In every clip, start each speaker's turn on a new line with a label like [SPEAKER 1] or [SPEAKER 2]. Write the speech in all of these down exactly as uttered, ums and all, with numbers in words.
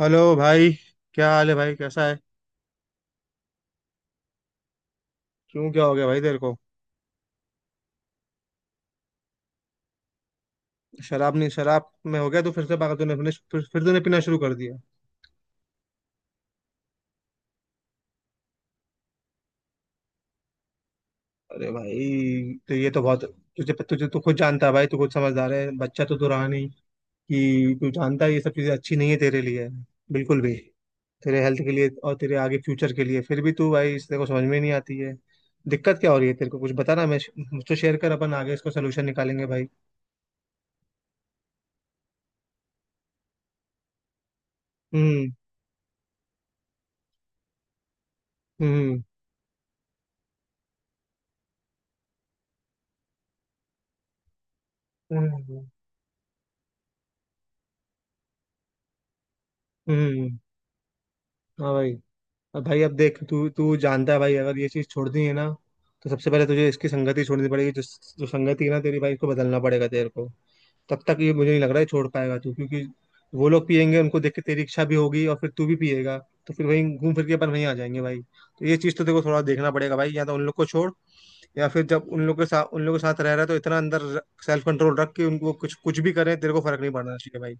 [SPEAKER 1] Hello भाई। क्या हाल है भाई, कैसा है? क्यों, क्या हो गया भाई तेरे को? शराब नहीं? शराब में हो गया तो फिर से पागल? तूने फिर, फिर फिर तूने पीना शुरू कर दिया? अरे भाई, तो ये तो बहुत, तुझे तुझे तू खुद जानता है भाई, तू खुद समझदार है, बच्चा तो तू रहा नहीं, कि तू जानता है ये सब चीजें अच्छी नहीं है तेरे लिए, बिल्कुल भी। तेरे हेल्थ के लिए और तेरे आगे फ्यूचर के लिए, फिर भी तू भाई इस, तेरे को समझ में नहीं आती है। दिक्कत क्या हो रही है तेरे को, कुछ बता ना। मैं, मुझसे शेयर कर, अपन आगे इसको सोल्यूशन निकालेंगे भाई। हम्म। हम्म। हम्म। हम्म। हम्म, हाँ भाई। अब भाई अब देख, तू तू जानता है भाई, अगर ये चीज छोड़नी है ना, तो सबसे पहले तुझे इसकी संगति छोड़नी पड़ेगी। जो जो संगति है ना तेरी भाई, इसको बदलना पड़ेगा तेरे को। तब तक ये मुझे नहीं लग रहा है छोड़ पाएगा तू, क्योंकि वो लोग पियेंगे, उनको देख के तेरी इच्छा भी होगी, और फिर तू भी पिएगा। तो फिर वहीं घूम फिर के अपन वहीं आ जाएंगे भाई। तो ये चीज तो देखो, थोड़ा देखना पड़ेगा भाई। या तो उन लोग को छोड़, या फिर जब उन लोग के साथ उन लोग के साथ रह रहा है तो इतना अंदर सेल्फ कंट्रोल रख के, उनको कुछ कुछ भी करें तेरे को फर्क नहीं पड़ना चाहिए भाई।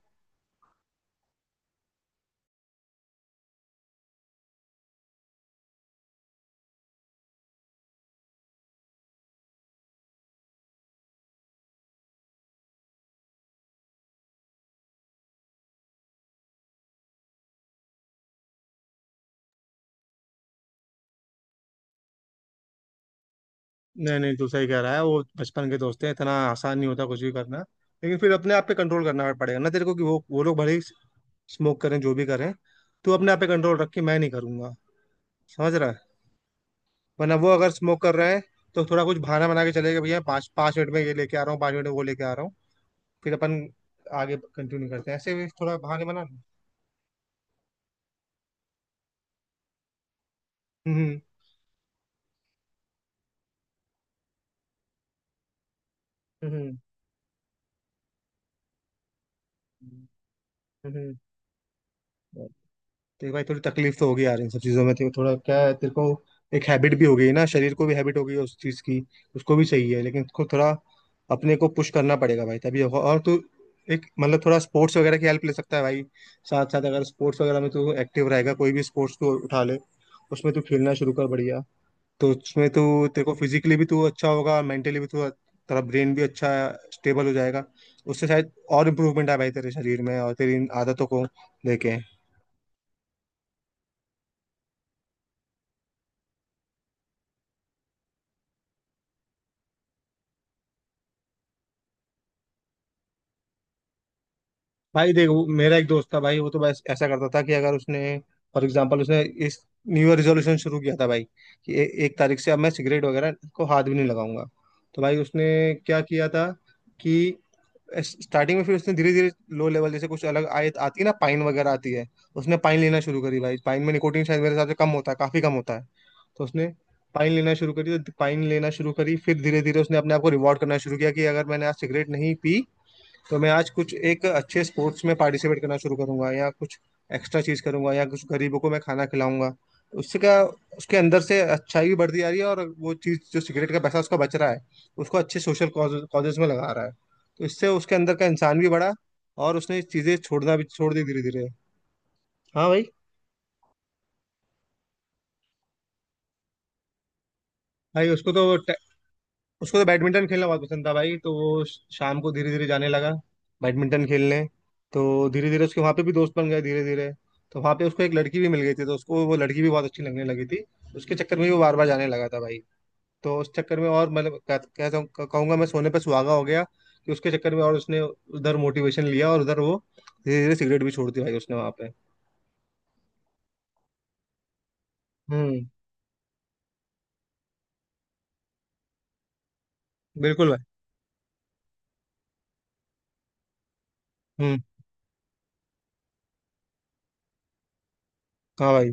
[SPEAKER 1] नहीं नहीं, तू सही कह रहा है, वो बचपन के दोस्त हैं, इतना आसान नहीं होता कुछ भी करना। लेकिन फिर अपने आप पे कंट्रोल करना पड़ेगा ना तेरे को, कि वो वो लोग भले ही स्मोक करें, जो भी करें, तू अपने आप पे कंट्रोल रख के मैं नहीं करूंगा, समझ रहा है? वरना वो अगर स्मोक कर रहे हैं तो थोड़ा कुछ बहाना बना के चले गए, भैया पाँच पाँच मिनट में ये लेके आ रहा हूँ, पाँच मिनट में वो लेके आ रहा हूँ, फिर अपन आगे कंटिन्यू करते हैं, ऐसे भी थोड़ा बहाने बना। हम्म। हम्म। हम्म। हम्म, हम्म। देख भाई, थोड़ी तकलीफ तो होगी यार इन सब चीजों में, तेरे को थोड़ा क्या है, तेरे को एक हैबिट भी हो गई ना, शरीर को भी हैबिट हो गई है उस चीज की, उसको भी चाहिए, लेकिन उसको थोड़ा अपने को पुश करना पड़ेगा भाई, तभी होगा। और तू एक मतलब थोड़ा स्पोर्ट्स वगैरह की हेल्प ले सकता है भाई। साथ साथ अगर स्पोर्ट्स वगैरह में तू एक्टिव रहेगा, कोई भी स्पोर्ट्स तू उठा ले, उसमें तू खेलना शुरू कर, बढ़िया। तो उसमें तू तेरे को फिजिकली भी तू अच्छा होगा, मेंटली भी तू, तेरा ब्रेन भी अच्छा स्टेबल हो जाएगा। उससे शायद और इम्प्रूवमेंट आए भाई तेरे शरीर में, और तेरी इन आदतों को लेके। भाई देख, वो मेरा एक दोस्त था भाई, वो तो बस ऐसा करता था कि अगर उसने, फॉर एग्जांपल उसने इस न्यू ईयर रेजोल्यूशन शुरू किया था भाई, कि ए, एक तारीख से अब मैं सिगरेट वगैरह को हाथ भी नहीं लगाऊंगा। तो भाई उसने क्या किया था कि स्टार्टिंग में फिर उसने धीरे धीरे लो लेवल, जैसे कुछ अलग आयत आती है ना, पाइन वगैरह आती है, उसने पाइन लेना शुरू करी भाई। पाइन में निकोटिन शायद मेरे हिसाब से कम होता है, काफी कम होता है। तो उसने पाइन लेना शुरू करी, तो पाइन लेना शुरू करी, फिर धीरे धीरे उसने अपने आप को रिवॉर्ड करना शुरू किया, कि अगर मैंने आज सिगरेट नहीं पी तो मैं आज कुछ एक अच्छे स्पोर्ट्स में पार्टिसिपेट करना शुरू करूंगा, या कुछ एक्स्ट्रा चीज करूंगा, या कुछ गरीबों को मैं खाना खिलाऊंगा। उससे क्या, उसके अंदर से अच्छाई भी बढ़ती जा रही है, और वो चीज जो सिगरेट का पैसा उसका बच रहा है, उसको अच्छे सोशल कॉजेज में लगा रहा है। तो इससे उसके अंदर का इंसान भी बढ़ा, और उसने चीजें छोड़ना भी छोड़ दी धीरे धीरे। हाँ भाई। भाई उसको तो, उसको तो बैडमिंटन खेलना बहुत पसंद था भाई, तो वो श- शाम को धीरे धीरे जाने लगा बैडमिंटन खेलने। तो धीरे धीरे उसके वहाँ पे भी दोस्त बन गए धीरे धीरे। तो वहाँ पे उसको एक लड़की भी मिल गई थी, तो उसको वो लड़की भी बहुत अच्छी लगने लगी थी, उसके चक्कर में भी वो बार बार जाने लगा था भाई। तो उस चक्कर में, और मतलब कह- कहता हूँ कहूंगा मैं, सोने पे सुहागा हो गया कि उसके चक्कर में, और उसने उधर मोटिवेशन लिया, और उधर वो धीरे धीरे सिगरेट भी छोड़ दी भाई उसने वहाँ पे। हम्म। बिल्कुल भाई। हम्म। हाँ भाई।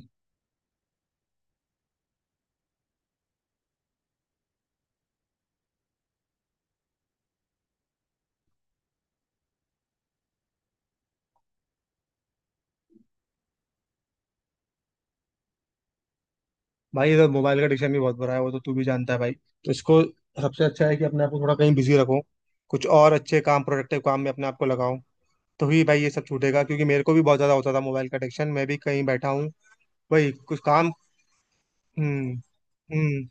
[SPEAKER 1] भाई इधर मोबाइल का एडिक्शन भी बहुत बुरा है, वो तो तू भी जानता है भाई। तो इसको सबसे अच्छा है कि अपने आप को थोड़ा कहीं बिजी रखो, कुछ और अच्छे काम, प्रोडक्टिव काम में अपने आप को लगाओ, तो ही भाई ये सब छूटेगा। क्योंकि मेरे को भी बहुत ज्यादा होता था मोबाइल का एडिक्शन, मैं भी कहीं बैठा हूँ भाई कुछ काम। हम्म। हम्म।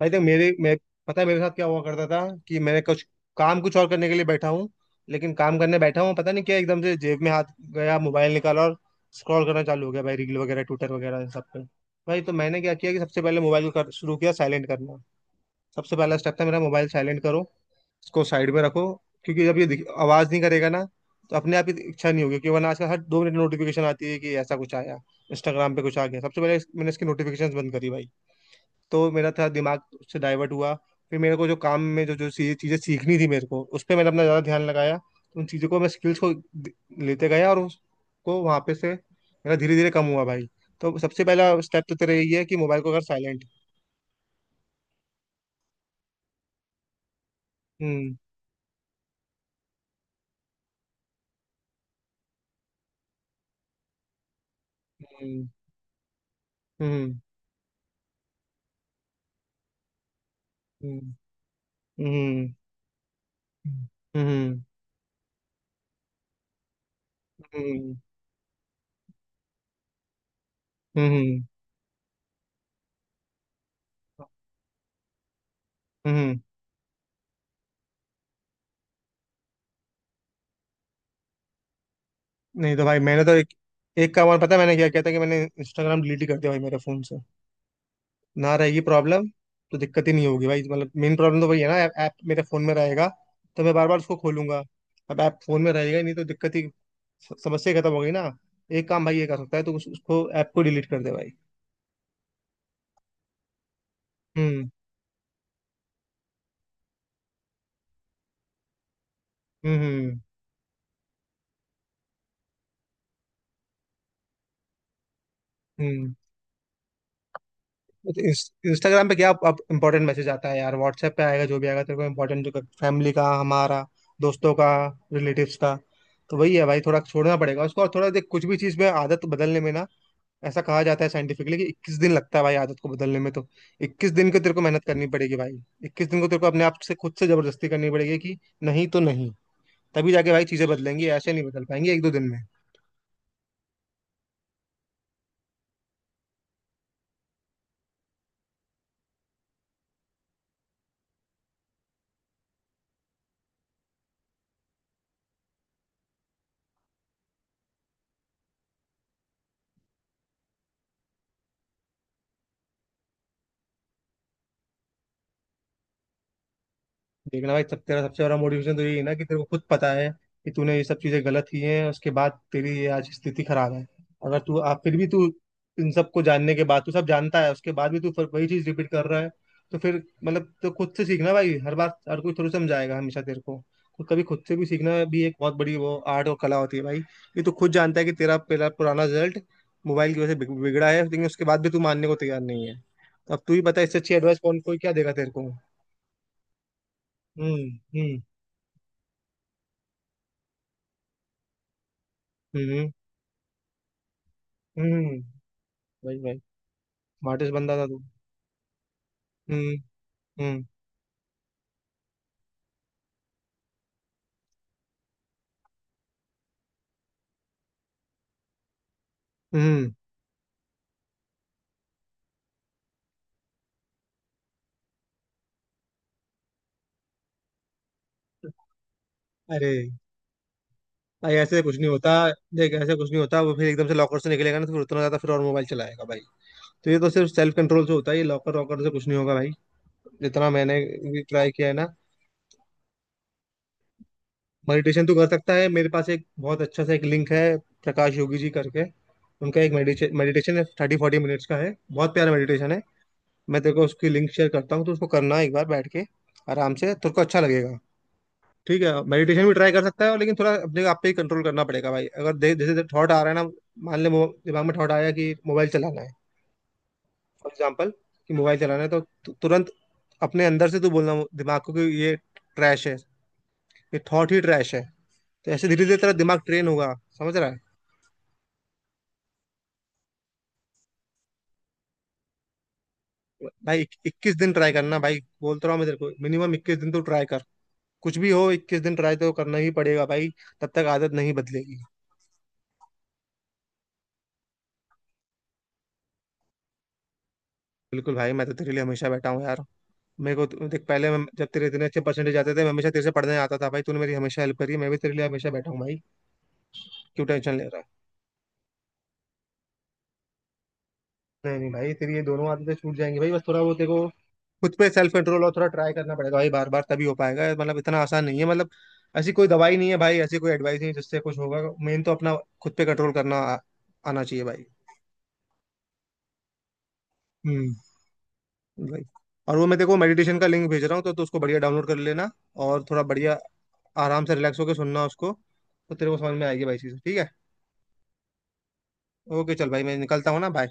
[SPEAKER 1] भाई देख मेरे, मैं, पता है मेरे साथ क्या हुआ करता था, कि मैंने कुछ काम कुछ और करने के लिए बैठा हूँ, लेकिन काम करने बैठा हूँ, पता नहीं क्या एकदम से जेब में हाथ गया, मोबाइल निकाला और स्क्रॉल करना चालू हो गया भाई, रील वगैरह, ट्विटर वगैरह, इन सब पे। भाई तो मैंने क्या किया कि सबसे पहले मोबाइल को कर, शुरू किया साइलेंट करना। सबसे पहला स्टेप था मेरा, मोबाइल साइलेंट करो, इसको साइड में रखो। क्योंकि जब ये दिख- आवाज नहीं करेगा ना, तो अपने आप ही इच्छा नहीं होगी। क्योंकि वरना आजकल हर दो मिनट नोटिफिकेशन आती है कि ऐसा कुछ आया, इंस्टाग्राम पे कुछ आ गया। सबसे पहले इस- मैंने इसकी नोटिफिकेशन बंद करी भाई, तो मेरा था दिमाग से डाइवर्ट हुआ। फिर मेरे को जो काम में जो जो सी- चीजें सीखनी थी मेरे को, उस पर मैंने अपना ज्यादा ध्यान लगाया, तो उन चीजों को मैं स्किल्स को द- लेते गया, और उसको वहां पे से मेरा धीरे धीरे कम हुआ भाई। तो सबसे पहला स्टेप तो तेरा यही है कि मोबाइल को अगर साइलेंट। हम्म। हम्म। हम्म। हम्म। हम्म। हम्म। हम्म। हम्म। हम्म। हम्म, हम्म, हम्म, हम्म। नहीं तो भाई, मैंने तो एक, एक काम और पता है मैंने क्या किया था, कि मैंने इंस्टाग्राम डिलीट ही कर दिया भाई मेरे फोन से, ना रहेगी प्रॉब्लम। तो दिक्कत ही नहीं होगी भाई। मतलब मेन प्रॉब्लम तो वही है ना, ऐप, ऐप मेरे फोन में रहेगा तो मैं बार बार उसको खोलूंगा। अब ऐप फोन में रहेगा ही नहीं तो दिक्कत ही, स- समस्या ही खत्म हो गई ना। एक काम भाई ये कर सकता है तो उस, उसको ऐप को डिलीट कर दे भाई। हम्म। हम्म। हम्म। हम्म। इंस्टाग्राम पे क्या अब इंपॉर्टेंट मैसेज आता है यार, व्हाट्सएप पे आएगा जो भी आएगा तेरे को इंपॉर्टेंट, जो फैमिली का हमारा, दोस्तों का, रिलेटिव्स का। तो वही है भाई, थोड़ा छोड़ना पड़ेगा उसको। और थोड़ा देख, कुछ भी चीज़ में आदत बदलने में ना, ऐसा कहा जाता है साइंटिफिकली कि इक्कीस दिन लगता है भाई आदत को बदलने में। तो इक्कीस दिन को तेरे को मेहनत करनी पड़ेगी भाई। इक्कीस दिन को तेरे को अपने आप से, खुद से जबरदस्ती करनी पड़ेगी, कि नहीं तो नहीं। तभी जाके भाई चीज़ें बदलेंगी, ऐसे नहीं बदल पाएंगी एक दो दिन में। देखना भाई, सब तेरा सबसे बड़ा मोटिवेशन तो यही है ना, कि तेरे को खुद पता है कि तूने ये सब चीजें गलत की हैं, उसके बाद तेरी ये आज स्थिति खराब है। अगर तू, आप फिर भी तू इन सबको जानने के बाद, तू सब जानता है, उसके बाद भी तू फिर वही चीज रिपीट कर रहा है, तो फिर मतलब तो खुद से सीखना भाई, हर बार हर कोई थोड़ी समझाएगा हमेशा तेरे को। तो कभी खुद से भी सीखना भी एक बहुत बड़ी वो आर्ट और कला होती है भाई। ये तू खुद जानता है कि तेरा पहला पुराना रिजल्ट मोबाइल की वजह से बिग- बिगड़ा है, लेकिन उसके बाद भी तू मानने को तैयार नहीं है। तो अब तू ही बता, इससे अच्छी एडवाइस कौन कोई क्या देगा तेरे को? हम्म। हम्म। हम्म। हम्म। भाई भाई स्मार्टेस्ट बंदा था तू। हम्म। हम्म। हम्म। अरे भाई ऐसे कुछ नहीं होता। देख, ऐसे कुछ नहीं होता, वो फिर एकदम से लॉकर से निकलेगा ना तो फिर उतना ज्यादा फिर और मोबाइल चलाएगा भाई। तो ये तो सिर्फ सेल्फ कंट्रोल से होता है, ये लॉकर वॉकर से कुछ नहीं होगा भाई, जितना मैंने भी ट्राई किया है ना। मेडिटेशन तो कर सकता है, मेरे पास एक बहुत अच्छा सा एक लिंक है, प्रकाश योगी जी करके, उनका एक मेडिटेशन है थर्टी फोर्टी मिनट्स का है, बहुत प्यारा मेडिटेशन है। मैं तेरे को उसकी लिंक शेयर करता हूँ, तो उसको करना एक बार बैठ के, आराम से, तेरे को अच्छा लगेगा। ठीक है, मेडिटेशन भी ट्राई कर सकता है, लेकिन थोड़ा अपने आप पे ही कंट्रोल करना पड़ेगा भाई। अगर दे- जैसे थॉट आ रहा है ना, मान ले मो- दिमाग में थॉट आया कि मोबाइल चलाना है, फॉर एग्जाम्पल, कि मोबाइल चलाना है, तो तु- तुरंत अपने अंदर से तू बोलना दिमाग को, कि ये ट्रैश है, ये थॉट ही ट्रैश है। तो ऐसे धीरे धीरे तेरा दिमाग ट्रेन होगा, समझ रहा है? भाई इक्कीस दिन ट्राई करना भाई, बोल तो रहा हूँ मैं तेरे को, मिनिमम इक्कीस दिन तो ट्राई कर। कुछ भी हो, इक्कीस दिन ट्राई तो करना ही पड़ेगा भाई, तब तक आदत नहीं बदलेगी। बिल्कुल भाई, मैं तो तेरे लिए हमेशा बैठा हूँ यार। मेरे को तो- देख पहले मैं जब तेरे इतने अच्छे परसेंटेज आते थे, मैं हमेशा तेरे से पढ़ने आता था भाई, तूने मेरी हमेशा हेल्प करी है, मैं भी तेरे लिए हमेशा बैठा हूँ भाई। क्यों टेंशन ले रहा है? नहीं नहीं भाई, तेरी ये दोनों आदतें छूट जाएंगी भाई, बस थोड़ा वो तेरे को खुद पे सेल्फ कंट्रोल, और थोड़ा ट्राई करना पड़ेगा भाई बार बार, तभी हो पाएगा। मतलब इतना आसान नहीं है, मतलब ऐसी कोई दवाई नहीं है भाई, ऐसी कोई एडवाइस नहीं है जिससे कुछ होगा, मेन तो अपना खुद पे कंट्रोल करना आ, आना चाहिए भाई। हम्म। भाई, और वो मैं देखो मेडिटेशन का लिंक भेज रहा हूँ तो, तो उसको बढ़िया डाउनलोड कर लेना, और थोड़ा बढ़िया आराम से रिलैक्स होकर सुनना उसको, तो तेरे को समझ में आएगी भाई चीज़। ठीक है? ओके चल भाई, मैं निकलता हूँ ना भाई।